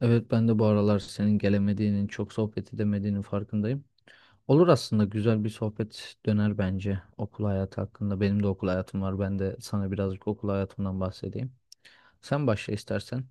Evet ben de bu aralar senin gelemediğinin, çok sohbet edemediğinin farkındayım. Olur, aslında güzel bir sohbet döner bence okul hayatı hakkında. Benim de okul hayatım var. Ben de sana birazcık okul hayatımdan bahsedeyim. Sen başla istersen.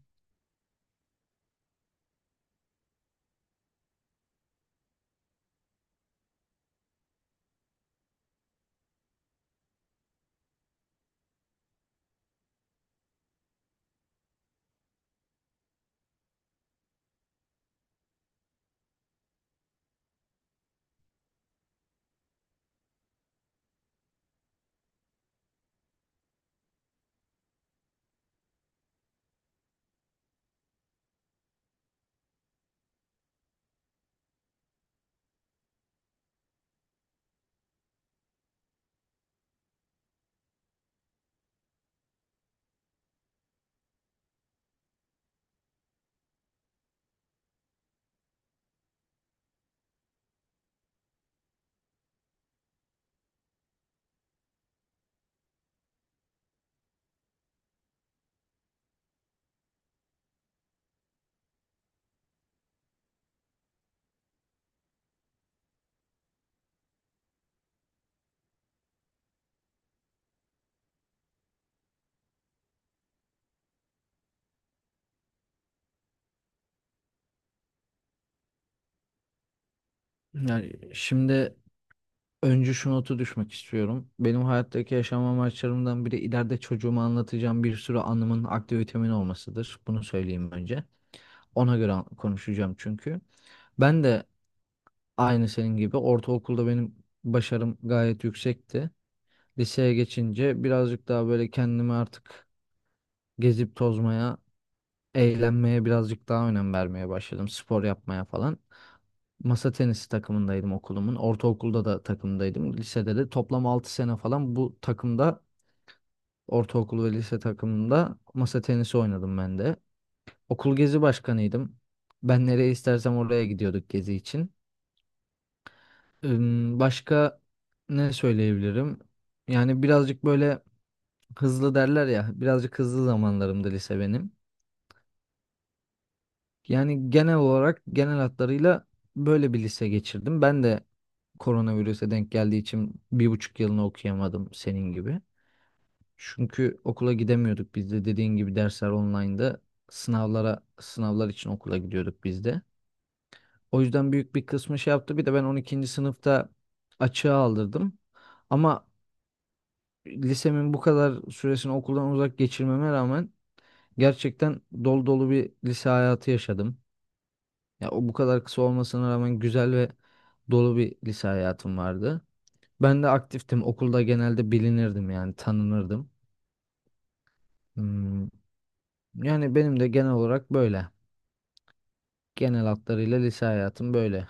Yani şimdi önce şu notu düşmek istiyorum. Benim hayattaki yaşam amaçlarımdan biri ileride çocuğuma anlatacağım bir sürü anımın, aktivitemin olmasıdır. Bunu söyleyeyim önce. Konuşacağım çünkü. Ben de aynı senin gibi ortaokulda benim başarım gayet yüksekti. Liseye geçince birazcık daha böyle kendimi artık gezip tozmaya, eğlenmeye birazcık daha önem vermeye başladım. Spor yapmaya falan. Masa tenisi takımındaydım okulumun. Ortaokulda da takımdaydım. Lisede de toplam 6 sene falan bu takımda, ortaokul ve lise takımında masa tenisi oynadım ben de. Okul gezi başkanıydım. Ben nereye istersem oraya gidiyorduk gezi için. Başka ne söyleyebilirim? Yani birazcık böyle hızlı derler ya, birazcık hızlı zamanlarımdı lise benim. Yani genel olarak, genel hatlarıyla böyle bir lise geçirdim. Ben de koronavirüse denk geldiği için 1,5 yılını okuyamadım senin gibi. Çünkü okula gidemiyorduk biz de, dediğin gibi dersler online'da, sınavlar için okula gidiyorduk biz de. O yüzden büyük bir kısmı şey yaptı. Bir de ben 12. sınıfta açığa aldırdım. Ama lisemin bu kadar süresini okuldan uzak geçirmeme rağmen gerçekten dolu dolu bir lise hayatı yaşadım. Ya o bu kadar kısa olmasına rağmen güzel ve dolu bir lise hayatım vardı. Ben de aktiftim. Okulda genelde bilinirdim, yani tanınırdım. Hmm, Yani benim de genel olarak böyle. Genel hatlarıyla lise hayatım böyle.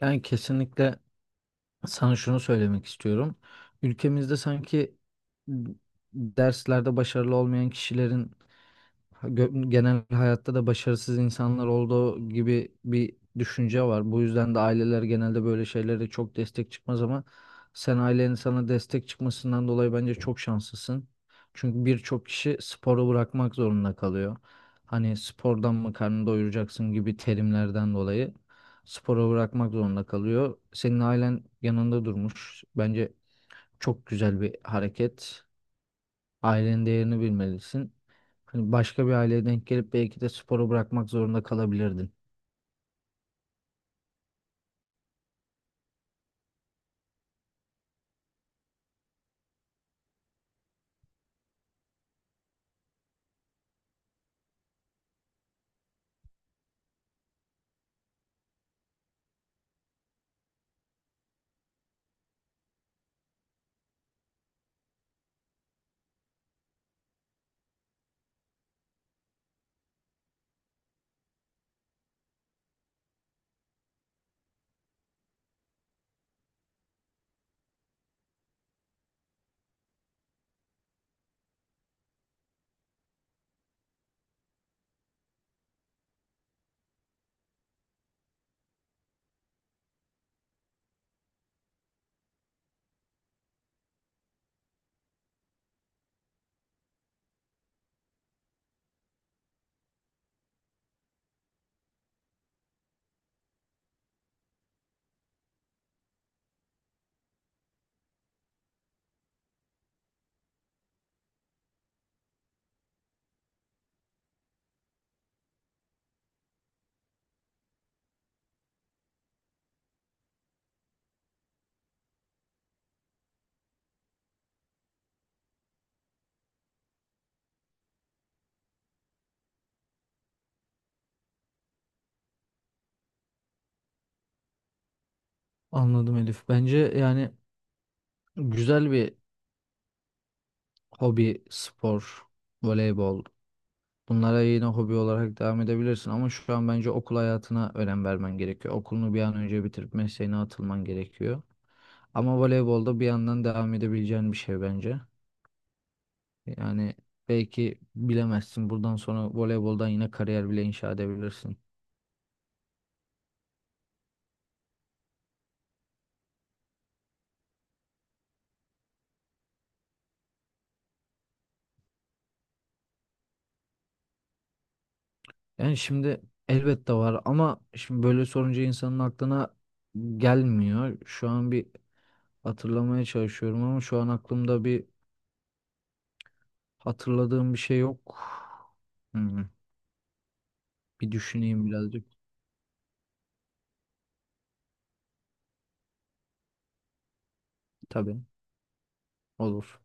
Yani kesinlikle sana şunu söylemek istiyorum. Ülkemizde sanki derslerde başarılı olmayan kişilerin genel hayatta da başarısız insanlar olduğu gibi bir düşünce var. Bu yüzden de aileler genelde böyle şeylere çok destek çıkmaz ama sen ailenin sana destek çıkmasından dolayı bence çok şanslısın. Çünkü birçok kişi sporu bırakmak zorunda kalıyor. Hani spordan mı karnını doyuracaksın gibi terimlerden dolayı sporu bırakmak zorunda kalıyor. Senin ailen yanında durmuş. Bence çok güzel bir hareket. Ailenin değerini bilmelisin. Hani başka bir aileye denk gelip belki de sporu bırakmak zorunda kalabilirdin. Anladım Elif. Bence yani güzel bir hobi, spor, voleybol. Bunlara yine hobi olarak devam edebilirsin ama şu an bence okul hayatına önem vermen gerekiyor. Okulunu bir an önce bitirip mesleğine atılman gerekiyor. Ama voleybolda bir yandan devam edebileceğin bir şey bence. Yani belki bilemezsin. Buradan sonra voleyboldan yine kariyer bile inşa edebilirsin. Yani şimdi elbette var ama şimdi böyle sorunca insanın aklına gelmiyor. Şu an bir hatırlamaya çalışıyorum ama şu an aklımda bir hatırladığım bir şey yok. Hmm, Bir düşüneyim birazcık. Tabii, olur.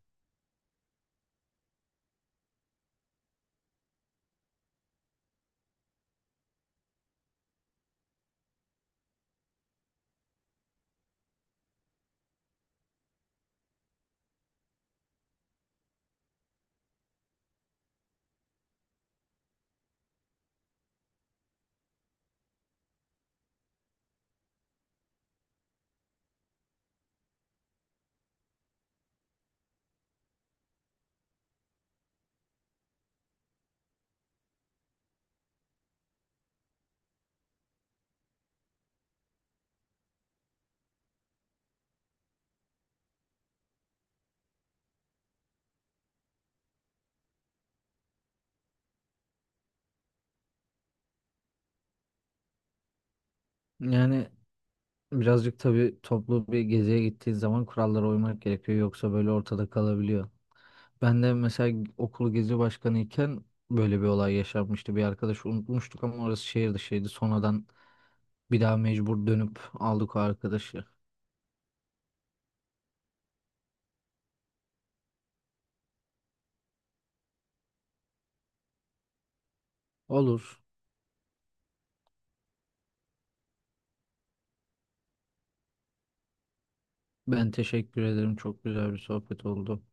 Yani birazcık tabii toplu bir geziye gittiğin zaman kurallara uymak gerekiyor, yoksa böyle ortada kalabiliyor. Ben de mesela okul gezi başkanıyken böyle bir olay yaşanmıştı. Bir arkadaşı unutmuştuk ama orası şehir dışıydı. Sonradan bir daha mecbur dönüp aldık o arkadaşı. Olur. Ben teşekkür ederim. Çok güzel bir sohbet oldu.